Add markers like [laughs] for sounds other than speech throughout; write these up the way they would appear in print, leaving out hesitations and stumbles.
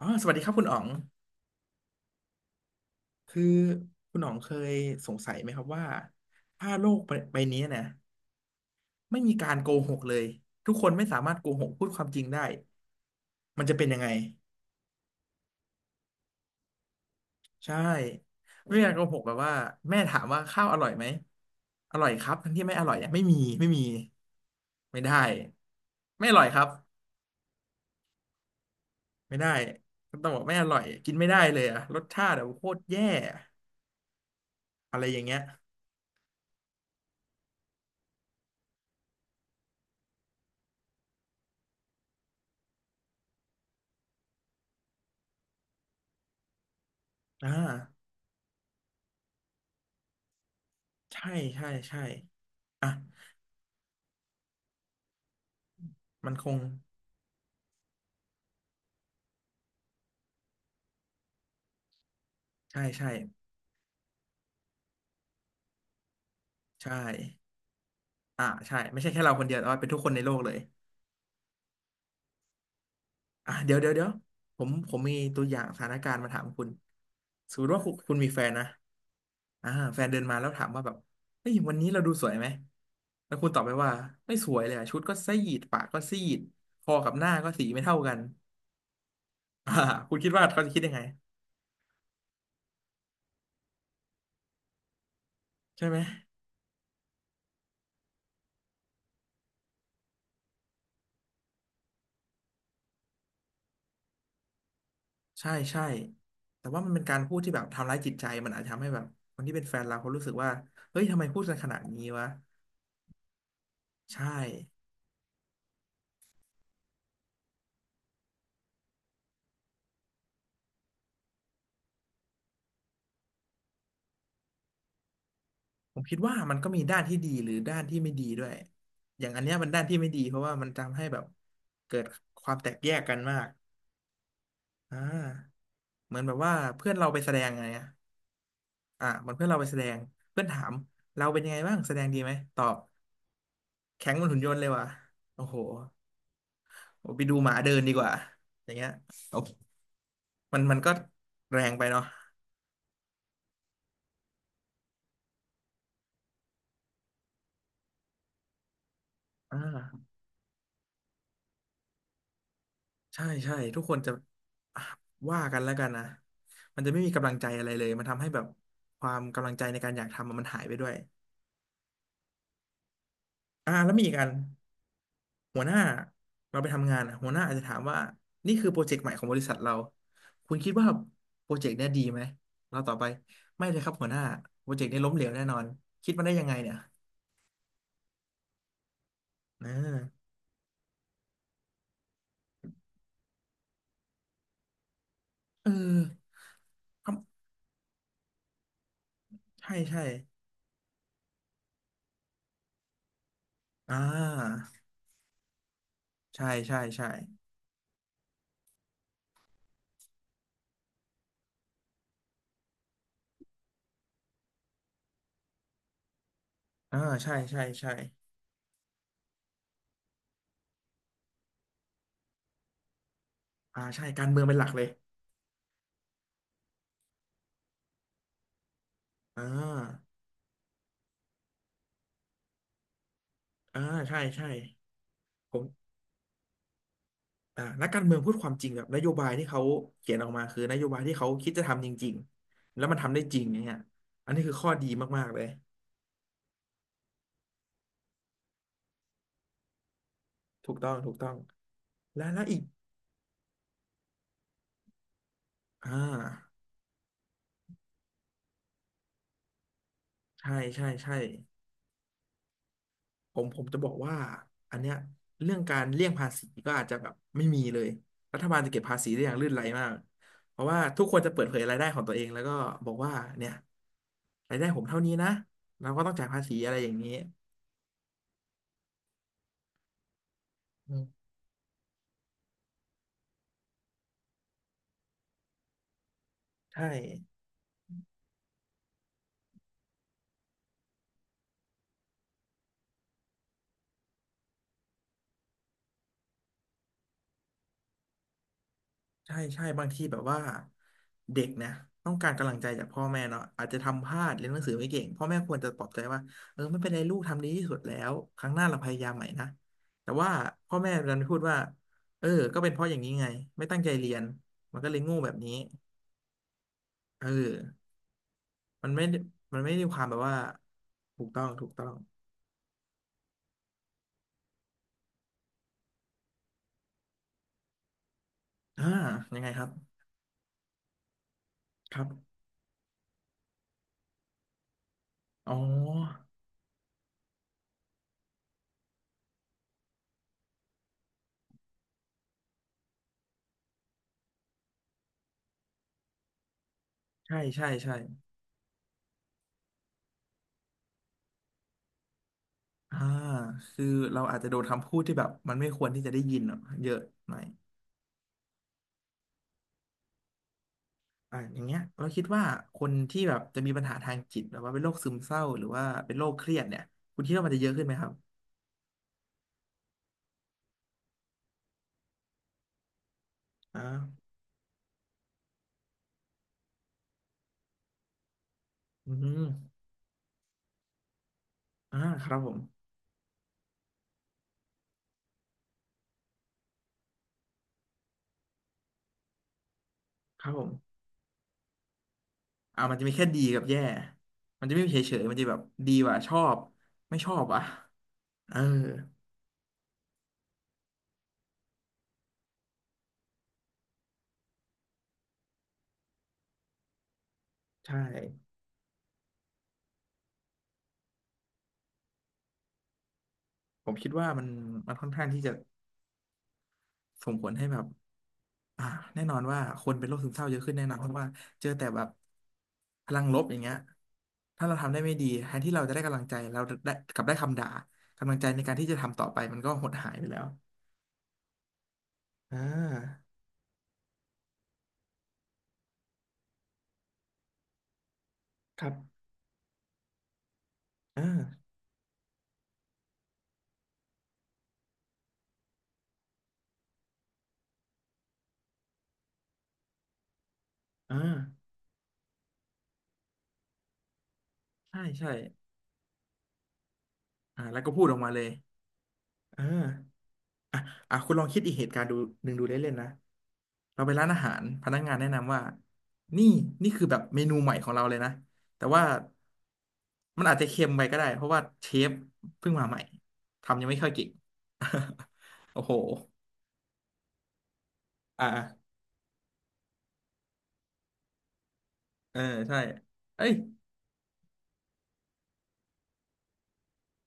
อ๋อสวัสดีครับคุณอ๋องคือคุณอ๋องเคยสงสัยไหมครับว่าถ้าโลกใบนี้นะไม่มีการโกหกเลยทุกคนไม่สามารถโกหกพูดความจริงได้มันจะเป็นยังไงใช่ไม่มีการโกหกแบบว่าแม่ถามว่าข้าวอร่อยไหมอร่อยครับทั้งที่ไม่อร่อยเนี่ยไม่มีไม่มีไม่ได้ไม่อร่อยครับไม่ได้ต้องบอกไม่อร่อยกินไม่ได้เลยอะรสชาติแบบโคตรแย่อะไรอย่างเงี้ยอ่าใช่ใช่ใช่อ่ะมันคง ใช่ใช่ใช่อ่าใช่ไม่ใช่แค่เราคนเดียวแต่ว่าเป็นทุกคนในโลกเลยอ่ะเดี๋ยวเดี๋ยวเดี๋ยวผมมีตัวอย่างสถานการณ์มาถามคุณสมมติว่าคุณมีแฟนนะอ่าแฟนเดินมาแล้วถามว่าแบบเฮ้ยวันนี้เราดูสวยไหมแล้วคุณตอบไปว่าไม่สวยเลยอะชุดก็ซีดปากก็ซีดคอกับหน้าก็สีไม่เท่ากันอ่าคุณคิดว่าเขาจะคิดยังไงใช่ไหมใช่ใช่แต่ว่ามันเป็นการพูดที่แบบทำร้ายจิตใจมันอาจจะทำให้แบบคนที่เป็นแฟนเราเขารู้สึกว่าเฮ้ยทำไมพูดกันขนาดนี้วะใช่ ผมคิดว่ามันก็มีด้านที่ดีหรือด้านที่ไม่ดีด้วย อย่างอันเนี้ยมันด้านที่ไม่ดีเพราะว่ามันทำให้แบบเกิดความแตกแยกกันมากอ่าเหมือนแบบว่าเพื่อนเราไปแสดงไงอะอ่ะเหมันเพื่อนเราไปแสดงเพื่อนถามเราเป็นยังไงบ้างแสดงดีไหมตอบแข็งเหมันหุ่นยนต์เลยว่ะโอ้โหไปดูหมาเดินดีกว่าอย่างเงี้ยโอ้มันก็แรงไปเนาะอ่า ใช่ใช่ทุกคนจะอ่ะว่ากันแล้วกันนะมันจะไม่มีกำลังใจอะไรเลยมันทำให้แบบความกำลังใจในการอยากทำอะมันหายไปด้วยอ่าแล้วมีอีกอันหัวหน้าเราไปทำงานอะหัวหน้าอาจจะถามว่านี่คือโปรเจกต์ใหม่ของบริษัทเราคุณคิดว่าโปรเจกต์เนี้ยดีไหมเราต่อบไปไม่เลยครับหัวหน้าโปรเจกต์นี้ล้มเหลวแน่นอนคิดมาได้ยังไงเนี่ยเออเออครับใช่ใช่อ่าใช่ใช่ใช่อ่าใช่ใช่ใช่อ่าใช่การเมืองเป็นหลักเลยอ่า อ่าใช่ใช่ผมอ่านักการเมืองพูดความจริงแบบนโยบายที่เขาเขียนออกมาคือนโยบายที่เขาคิดจะทำจริงๆแล้วมันทำได้จริงอย่างเงี้ยอันนี้คือข้อดีมากๆเลยถูกต้องถูกต้องและอีกอ่าใช่ใช่ใช่ผมจะบอกว่าอันเนี้ยเรื่องการเลี่ยงภาษีก็อาจจะแบบไม่มีเลยรัฐบาลจะเก็บภาษีได้อย่างลื่นไหลมากเพราะว่าทุกคนจะเปิดเผยรายได้ของตัวเองแล้วก็บอกว่าเนี่ยรายได้ผมเท่านี้นะเราก็ต้องจ่ายภาษีอะไรอย่างนี้ ใช่ใช่ใช่บางทีแบบว่าเด็กนะต้องการกำลังใจจากพ่อแม่เนาะอาจจะทำพลาดเรียนหนังสือไม่เก่งพ่อแม่ควรจะปลอบใจว่าเออไม่เป็นไรลูกทำดีที่สุดแล้วครั้งหน้าเราพยายามใหม่นะแต่ว่าพ่อแม่ดันพูดว่าเออก็เป็นเพราะอย่างนี้ไงไม่ตั้งใจเรียนมันก็เลยโง่แบบนี้เออมันไม่มันไม่ได้ความแบบว่าถูกต้องถูกต้องอ่ายังไงครับครับอ๋อใช่ใช่ใช่ อ่าคือเราอาจจะโดนคำพูดที่แบบมันไม่ควรที่จะได้ยินอะเยอะหน่อยอ่าอย่างเงี้ยเราคิดว่าคนที่แบบจะมีปัญหาทางจิตหรือว่าเป็นโรคซึมเศร้าหรือว่าเป็นโรคเครียดเนี่ยคุณคิดว่ามันจะเยอะขึ้นไหมครับอ่าอืมอ่าครับผมครับผมอ่ามันจะมีแค่ดีกับแย่มันจะไม่มีเฉยๆมันจะแบบดีว่ะชอบไม่ชอบว่ะเออใช่ผมคิดว่ามันค่อนข้างที่จะส่งผลให้แบบ อ่าแน่นอนว่าคนเป็นโรคซึมเศร้าเยอะขึ้นแน่นอนเพราะว่าเจอแต่แบบพลังลบอย่างเงี้ยถ้าเราทำได้ไม่ดีแทนที่เราจะได้กำลังใจเราได้กลับได้คำด่ากำลังใจในการที่จะทำต่อไปมันก็หดหายไปแล้วอ่าครับอ่าอ่าใช่ใช่อ่าแล้วก็พูดออกมาเลยอ่าอ่ะอ่ะคุณลองคิดอีกเหตุการณ์ดูหนึ่งดูเล่นๆนะ เราไปร้านอาหารพนักงานแนะนำว่านี่นี่คือแบบเมนูใหม่ของเราเลยนะแต่ว่ามันอาจจะเค็มไปก็ได้เพราะว่าเชฟเพิ่งมาใหม่ทำยังไม่ค่อยเก่ง [laughs] โอ้โหอ่าเออใช่เอ้ย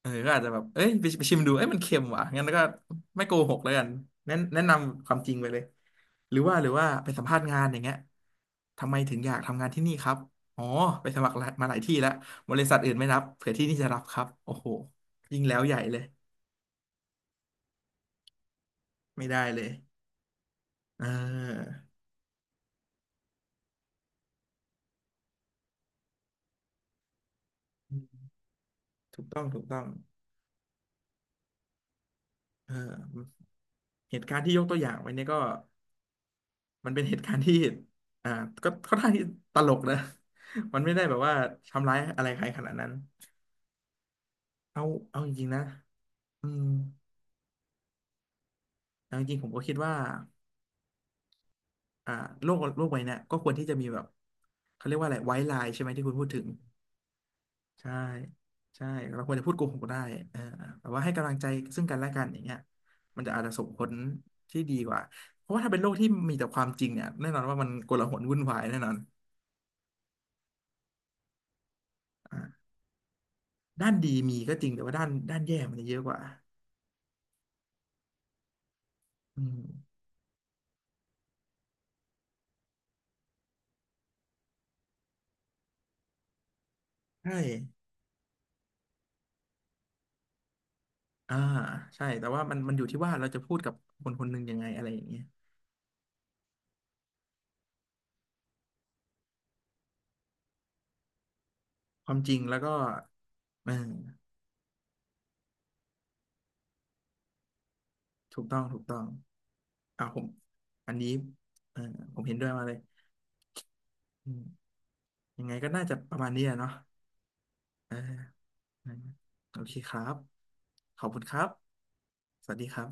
เออก็อาจจะแบบเอ้ยไปไปชิมดูเอ้ยมันเค็มว่ะงั้นก็ไม่โกหกแล้วกันแนะนำความจริงไปเลยหรือว่าไปสัมภาษณ์งานอย่างเงี้ยทำไมถึงอยากทำงานที่นี่ครับ อ๋อไปสมัครหลายมาหลายที่แล้วบริษัทอื่นไม่รับเผื่อที่นี่จะรับครับโอ้โหยิ่งแล้วใหญ่เลย ไม่ได้เลยเออถูกต้องถูกต้องเออเหตุการณ์ที่ยกตัวอย่างไว้เนี่ยก็มันเป็นเหตุการณ์ที่อ่าก็ค่อนข้างที่ตลกนะ [laughs] มันไม่ได้แบบว่าทำร้ายอะไรใครขนาดนั้น เอาเอาจริงๆนะอืมเอาจริงๆผมก็คิดว่าอ่าโลกโลกใบเนี้ยก็ควรที่จะมีแบบเขาเรียกว่าอะไรไว้ไลน์ใช่ไหมที่คุณพูดถึงใช่ใช่เราควรจะพูดโกหกได้เออแต่ว่าให้กำลังใจซึ่งกันและกันอย่างเงี้ยมันจะอาจจะส่งผลที่ดีกว่าเพราะว่าถ้าเป็นโลกที่มีแต่ความจริงเนี่ยแน่นอนว่ามันโกลาหลวุ่นวายแน่นอนอ่าด้านดีมีก็จริงแต่ว่าด้านแย่มันจะเยอะกว่าอืมใช่อ่าใช่แต่ว่ามันมันอยู่ที่ว่าเราจะพูดกับคนคนหนึ่งยังไงอะไรอย่างเงี้ย ความจริงแล้วก็เออถูกต้องถูกต้องอ่าผมอันนี้เออผมเห็นด้วยมาเลยอืมยังไงก็น่าจะประมาณนี้อะเนาะเออเออโอเคครับขอบคุณครับสวัสดีครับ